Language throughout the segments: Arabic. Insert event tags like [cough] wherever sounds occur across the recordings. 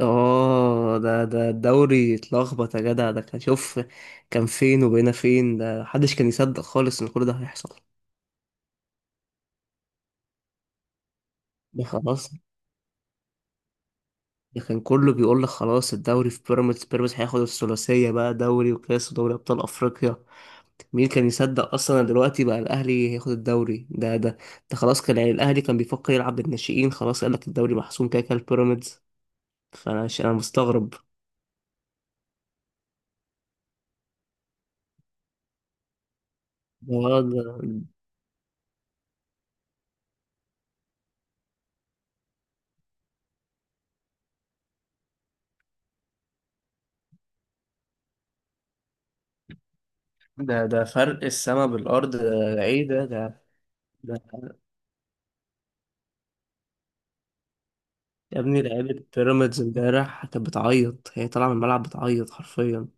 ده الدوري اتلخبط يا جدع. ده كان شوف كان فين وبقينا فين. ده محدش كان يصدق خالص ان كل ده هيحصل. ده خلاص. ده كان كله بيقول لك خلاص الدوري في بيراميدز، بيراميدز هياخد الثلاثية بقى، دوري وكاس ودوري ابطال افريقيا. مين كان يصدق اصلا إن دلوقتي بقى الاهلي هياخد الدوري؟ ده خلاص. كان يعني الاهلي كان بيفكر يلعب بالناشئين، خلاص قال لك الدوري محسوم كده كده لبيراميدز. فانا انا مستغرب. ده ده ده فرق السما بالارض. ده ده ايه ده ده يا ابني لعيبة بيراميدز امبارح كانت بتعيط، هي طالعة من الملعب بتعيط حرفيا.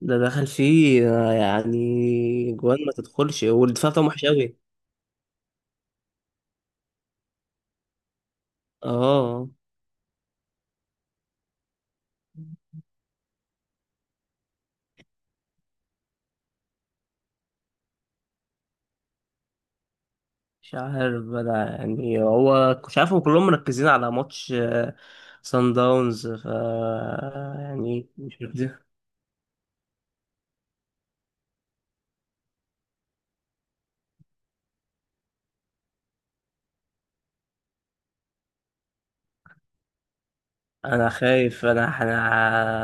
ده دخل فيه آه، يعني جوان ما تدخلش والدفاع بتاعهم وحش أوي. اه مش عارف بقى، يعني هو مش عارف، هم كلهم مركزين على ماتش سان داونز ف يعني مش مركزين. انا خايف، انا انا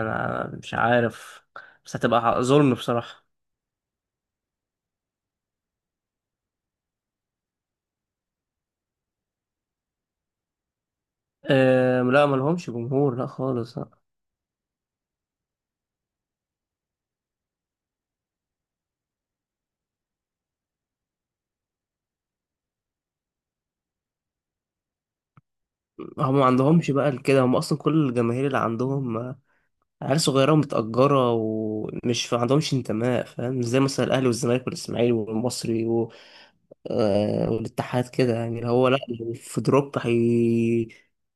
أنا مش عارف، بس هتبقى ظلم بصراحة. أه لا، ملهمش جمهور، لا خالص. هم ما عندهمش بقى كده. هم اصلا كل الجماهير اللي عندهم عيال صغيره ومتاجره، ومش ما عندهمش انتماء، فاهم؟ زي مثلا الاهلي والزمالك والاسماعيلي والمصري و... آه، والاتحاد كده، يعني اللي هو لا، لو في دروب هي...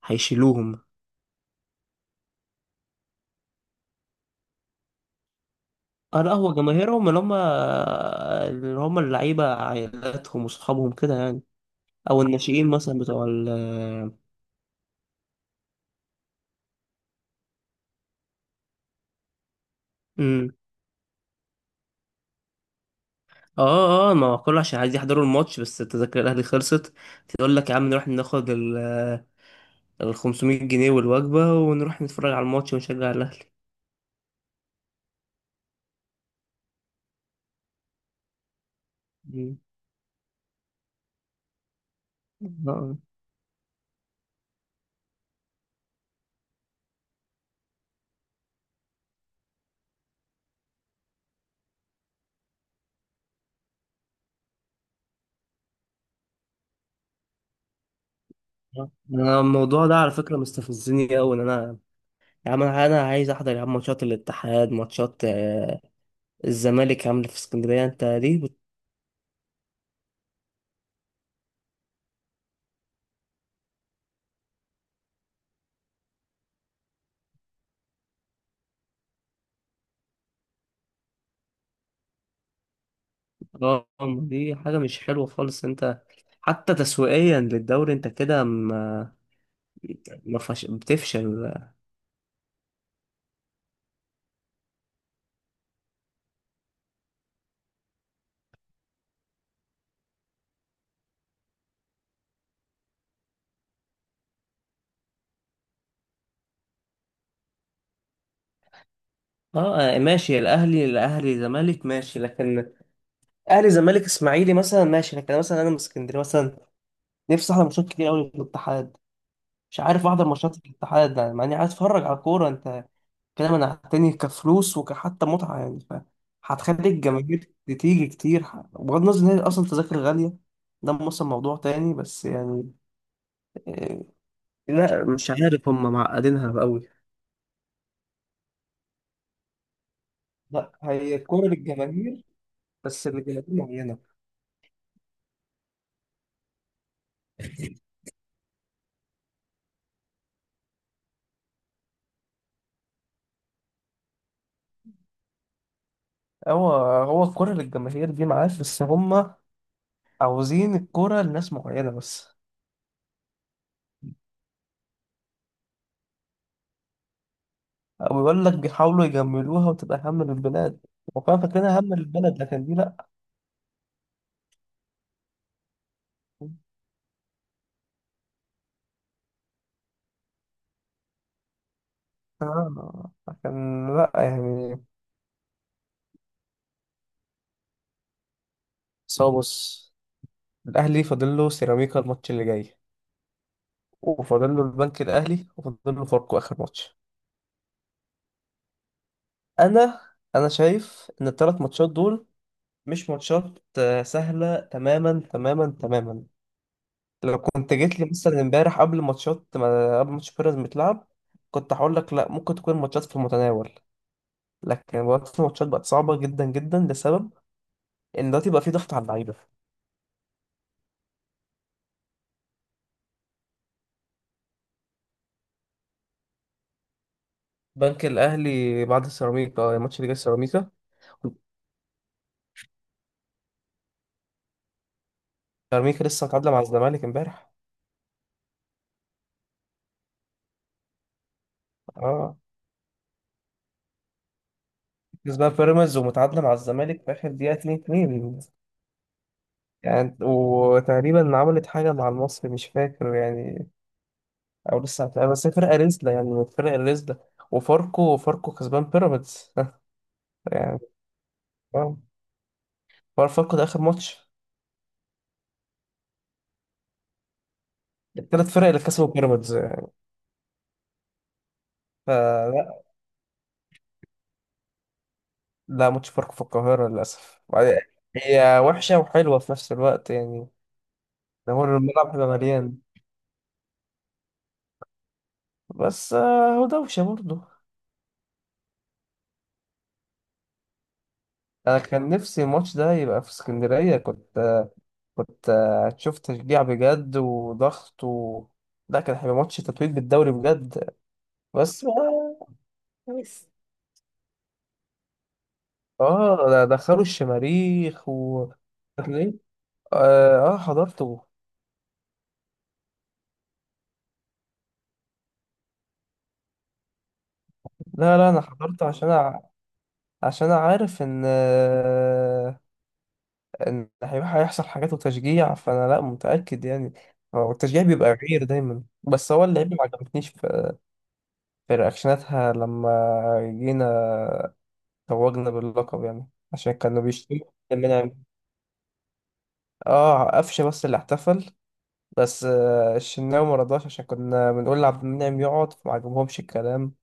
هيشيلوهم. اه لا، هو جماهيرهم اللي هم اللعيبه، عائلاتهم واصحابهم كده يعني. او الناشئين مثلا بتوع ال... مم. اه، ما هو كله عشان عايز يحضروا الماتش، بس التذاكر الاهلي خلصت. تقول لك يا عم نروح ناخد ال 500 جنيه والوجبة ونروح نتفرج على الماتش ونشجع الأهلي. مم. آه. آه. أنا الموضوع ده على فكرة مستفزني أوي، إن أنا يا عم أنا عايز أحضر، يا عم، ماتشات الاتحاد، ماتشات الزمالك، عاملة في اسكندرية. أنت ليه بت...؟ آه، دي حاجة مش حلوة خالص. أنت حتى تسويقيا للدوري، أنت كده ما ما فش... بتفشل. ماشي، الاهلي زمالك ماشي، لكن اهلي زمالك اسماعيلي مثلا ماشي، لكن مثلا انا من اسكندريه مثلا، نفسي احضر ماتشات كتير قوي في الاتحاد. مش عارف احضر ماتشات الاتحاد، يعني مع اني عايز اتفرج على كوره. انت كلام انا تاني، كفلوس وكحتى متعه، يعني ف هتخلي الجماهير تيجي كتير. بغض النظر ان هي اصلا تذاكر غاليه، ده مثلا موضوع تاني، بس يعني آه، لا، مش عارف، هم معقدينها قوي. لا، هي كوره للجماهير، بس لجماهير معينه. هو هو الكوره للجماهير دي معاك، بس هم عاوزين الكوره لناس معينه بس. او يقول لك بيحاولوا يجملوها، وتبقى هم للبلاد وكان فاكرينها هم للبلد، لكن دي لا. آه، كان لا يعني. بس هو بص، الأهلي فاضل له سيراميكا الماتش اللي جاي، وفاضل له البنك الأهلي، وفاضل له فاركو آخر ماتش. أنا أنا شايف إن الثلاث ماتشات دول مش ماتشات سهلة، تماما. لو كنت جيت لي مثلا امبارح قبل ماتشات، ما قبل ماتش بيراميدز متلعب، كنت هقول لك لا، ممكن تكون ماتشات في المتناول. لكن دلوقتي الماتشات بقت صعبة جدا جدا، لسبب إن دلوقتي بقى في ضغط على اللعيبة. بنك الاهلي بعد سيراميكا، الماتش اللي جاي سيراميكا لسه متعادله مع الزمالك امبارح. اه، كسبان بيراميدز ومتعادله مع الزمالك في اخر دقيقه، 2-2. يعني وتقريبا عملت حاجه مع المصري، مش فاكر يعني. او لسه هتلاقي، بس هي فرقه رزله، يعني فرقه رزله. وفاركو، فاركو كسبان بيراميدز [laughs] يعني آه. فاركو ده اخر ماتش. الثلاث فرق اللي كسبوا بيراميدز. فلا، لا، ماتش فاركو في القاهره للاسف. وبعدين هي وحشه وحلوه في نفس الوقت يعني، دور الملعب هيبقى مليان. بس آه، هو دوشة برضه. أنا كان نفسي الماتش ده يبقى في اسكندرية. كنت هتشوف تشجيع بجد وضغط و... لا، كان هيبقى ماتش تتويج بالدوري بجد. بس آه بس ده دخلوا الشماريخ و... ليه؟ آه، آه، حضرته. لا أنا حضرته عشان أع... عشان أعرف إن آه، ان هيروح هيحصل حاجات وتشجيع، فانا لا متاكد يعني. هو التشجيع بيبقى غير دايما، بس هو اللعيبه ما عجبتنيش في, في رياكشناتها لما جينا توجنا باللقب، يعني عشان كانوا بيشتموا مننا. اه قفشه، بس اللي احتفل بس آه، الشناوي ما رضاش، عشان كنا بنقول لعبد المنعم يقعد، فما عجبهمش الكلام.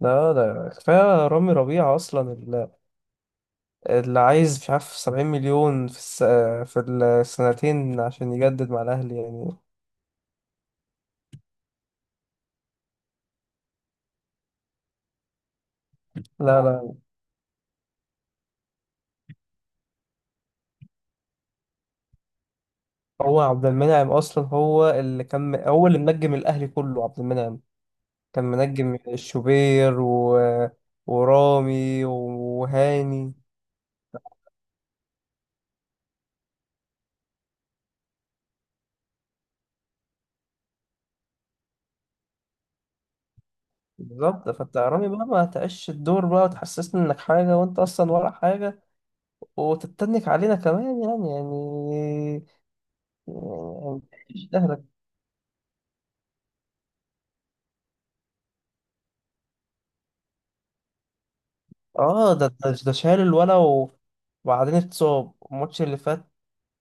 لا، ده كفاية رامي ربيعة أصلا، اللي عايز مش عارف سبعين مليون في الس... في السنتين عشان يجدد مع الأهلي يعني. لا، هو عبد المنعم اصلا هو اللي كان، هو اللي منجم الاهلي كله، عبد المنعم. كان منجم الشوبير و... ورامي وهاني. بالظبط، فانت يا رامي بقى، ما تعيش الدور بقى وتحسسني انك حاجه وانت اصلا ولا حاجه، وتتنك علينا كمان، يعني يعني يعني مش اهلك. اه ده ده شال الولا و... وبعدين اتصاب الماتش اللي فات،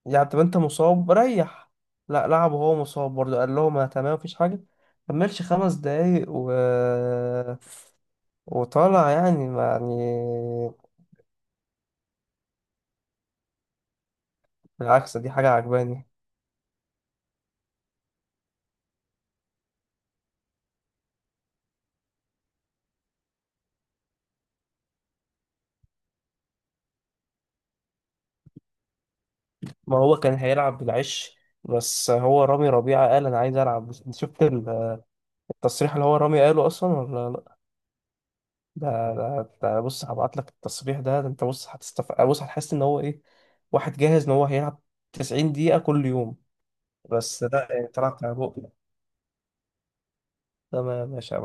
يعني طب انت مصاب ريح. لا، لعب وهو مصاب برضه، قال لهم انا تمام مفيش حاجه. كملش خمس دقايق و... وطالع يعني، ما يعني. بالعكس دي حاجه عجباني. ما هو كان هيلعب بالعش، بس هو رامي ربيعه قال انا عايز العب. انت شفت التصريح اللي هو رامي قاله اصلا، ولا لا؟ ده ده بص، هبعت لك التصريح. ده انت بص، هتستف، بص هتحس ان هو ايه، واحد جاهز ان هو هيلعب 90 دقيقه كل يوم. بس لا يعني، طلع بتاع بقى. تمام ماشي.